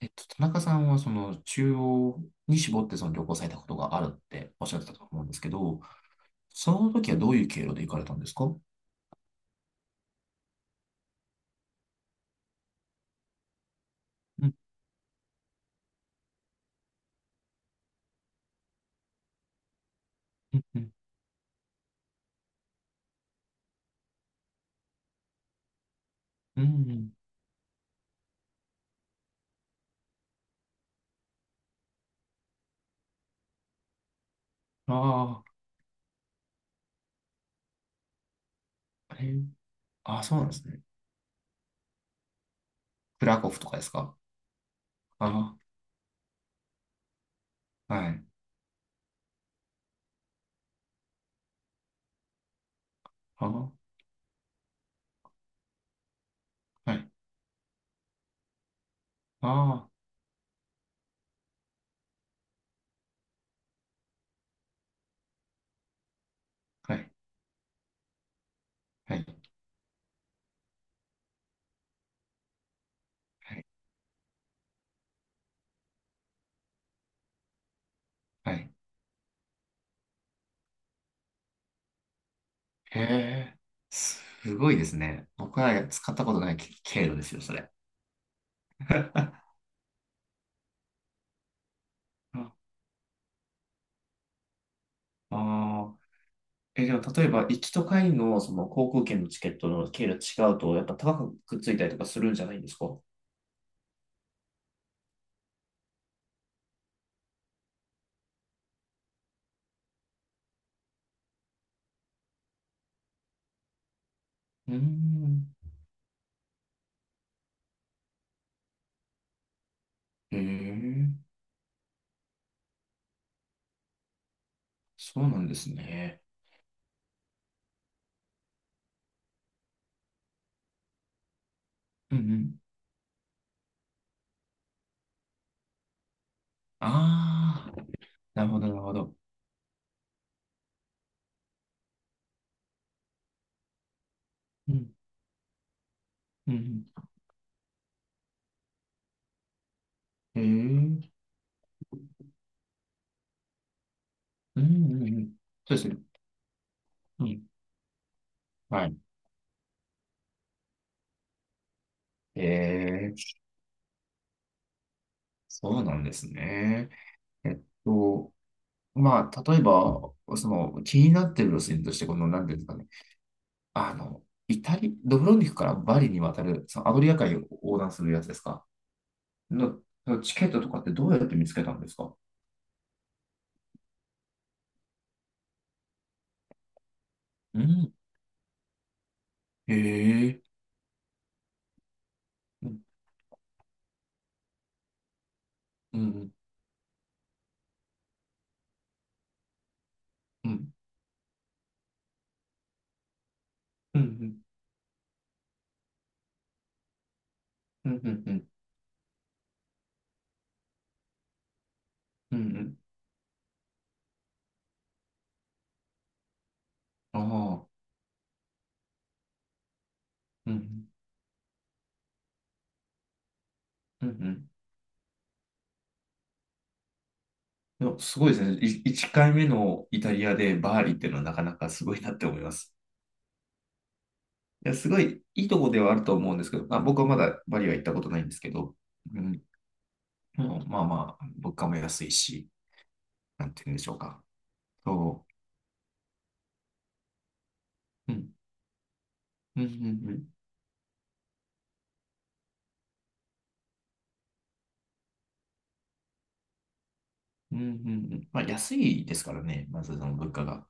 田中さんはその中央に絞ってその旅行されたことがあるっておっしゃってたと思うんですけど、その時はどういう経路で行かれたんですか？うん、うん、うん。うん。ああー、あれ、ああ、そうなんですね。クラコフとかですか？ああ、はい。ああ、はい。ああ、はい。はい。はい。はい。へえ、すごいですね。僕は使ったことない経路ですよ、それ。ああ。え、でも例えば、行きと帰りのその航空券のチケットの経路違うと、やっぱ高くくっついたりとかするんじゃないんですか？うーん。へえ、そうなんですね。うんうん。ああ、なるほど、なるほど。うん、うん、うん。へえ、うんうんうん。そうですね。うん、はい。へえ、そうなんですね。えっと、まあ、例えば、その気になってる路線として、この何ですかね。あの、イタリ、ドブロンニクからバリに渡る、そのアドリア海を横断するやつですか？の、そのチケットとかってどうやって見つけたんですか？うん。へえ。うん、うん、うん、うん、うん、うん、うん、うん、うん。うん。ああ、うん、うん、うん。でもすごいですね。い1回目のイタリアでバーリーっていうのはなかなかすごいなって思います。いや、すごいいいとこではあると思うんですけど、まあ、僕はまだバリは行ったことないんですけど、うん、うん。まあまあ、物価も安いし、なんて言うんでしょうか。そう。うん。うん、うん、うん。うん、うん。うん。まあ、安いですからね、まずその物価が。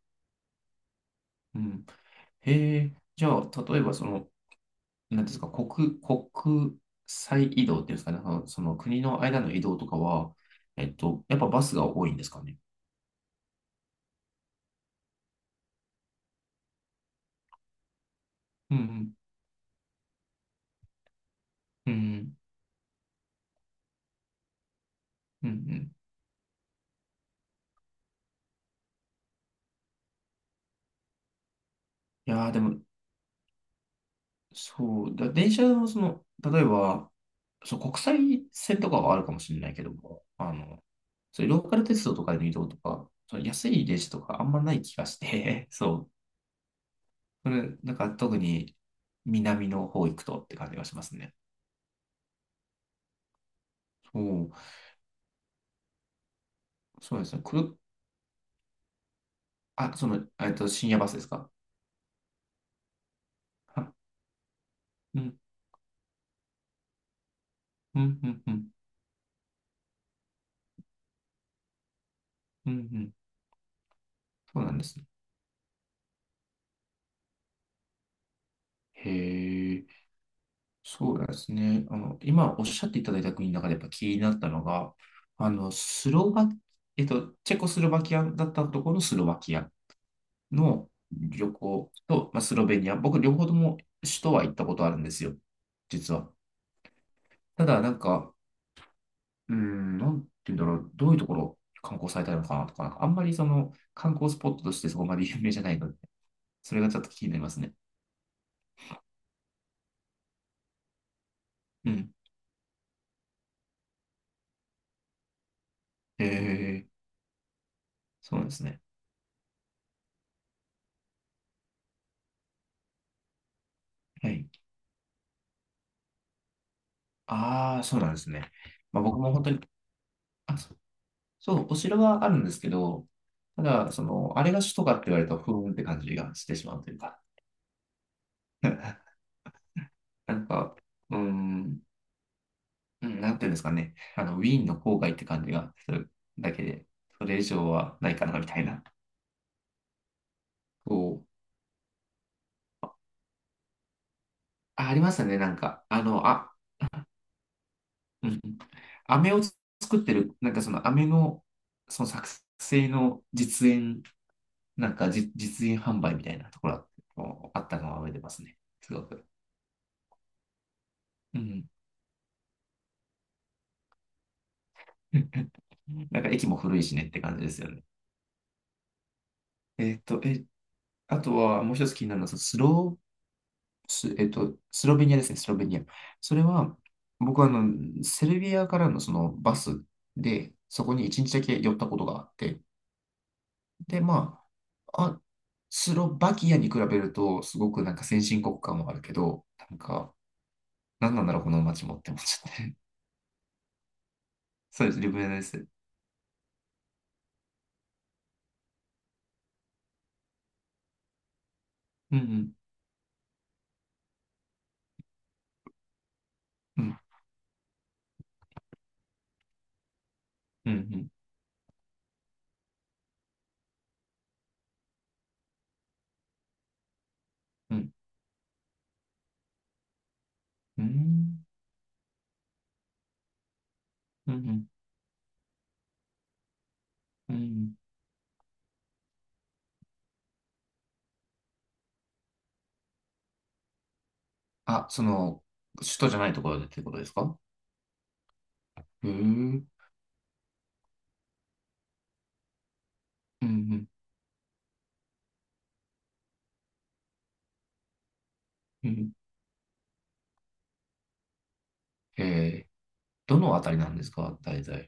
うん。へえ、じゃあ、例えばその、なんですか、国、国際移動っていうんですかね、その、その国の間の移動とかは、やっぱバスが多いんですかね。うん、うん、うん、うん、うん。いやー、でも、そう、だ電車のその、例えば、そう、国際線とかはあるかもしれないけども、そういうローカル鉄道とかでの移動とか、その安い電車とかあんまない気がして、そう。それ、なんか特に南の方行くとって感じがしますね。そう、そうですね。くる、あ、その、深夜バスですか？あ。うん、うん、うん、うん、うん、うん。そうなんですね。へえ、そうなんですね。あの、今おっしゃっていただいた国の中でやっぱ気になったのが、あの、スロバ、チェコスロバキアだったところのスロバキアの旅行と、まあ、スロベニア、僕両方とも首都は行ったことあるんですよ、実は。ただ、なんか、うーん、なんて言うんだろう、どういうところ観光されたいのかなとか、なんかあんまりその観光スポットとしてそこまで 有名じゃないので、それがちょっと気になりますね。うん。ええ、そうなんですね。はい。ああ、そうなんですね。まあ、僕も本当に、あ、そう、そうお城はあるんですけど、ただ、その、あれが首都かって言われると、ふーんって感じがしてしまうというか、なんか、うーん、うん。なんていうんですかね、あの、ウィーンの郊外って感じがするだけで、それ以上はないかな、みたいな。こう。あ、ありましたね、なんか。あの、あ、うん。飴を作ってる、なんかその飴の、その作成の実演、なんかじ、実演販売みたいなところもあったのは覚えてますね。すごく。うん。なんか駅も古いしねって感じですよね。え、あとはもう一つ気になるのは、そのスロー、ス、スロベニアですね、スロベニア。それは、僕はあの、セルビアからのそのバスで、そこに一日だけ寄ったことがあって、で、まあ、あ、スロバキアに比べると、すごくなんか先進国感もあるけど、なんか、なんなんだろう、この街もって思っちゃって。そうです、リブネです。うんうん、うん、うん、うん、うん、うん、うん、うん。あ、その、首都じゃないところでってことですか？へえ、うん、うん、うん。へえ、どのあたりなんですか大体。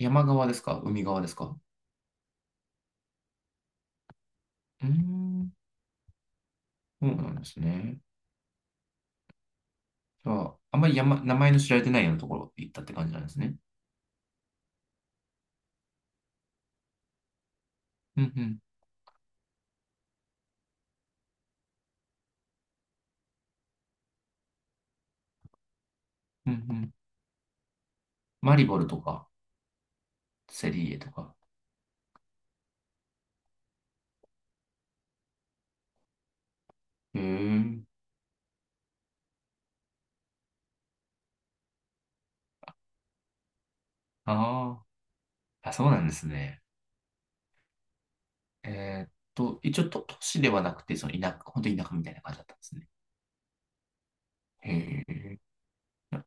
山側ですか海側ですか？うーん、そうなんですね。じゃあ、あんまり山、名前の知られてないようなところ行ったって感じなんですね。うんうん、うんうん。マリボルとか、セリエとか。へ。ああ、あ、そうなんですね。えーっと、一応都、都市ではなくて、その田舎、本当に田舎みたいな感じだったんですね。へえ。うん、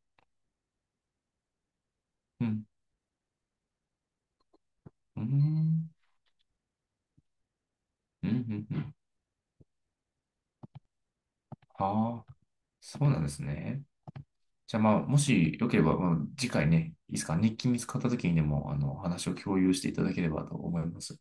うん、うん、うん、うん。ああ、そうなんですね。じゃあまあ、もしよければ、まあ、次回ね、いいですか、日記見つかった時にでも、あの、お話を共有していただければと思います。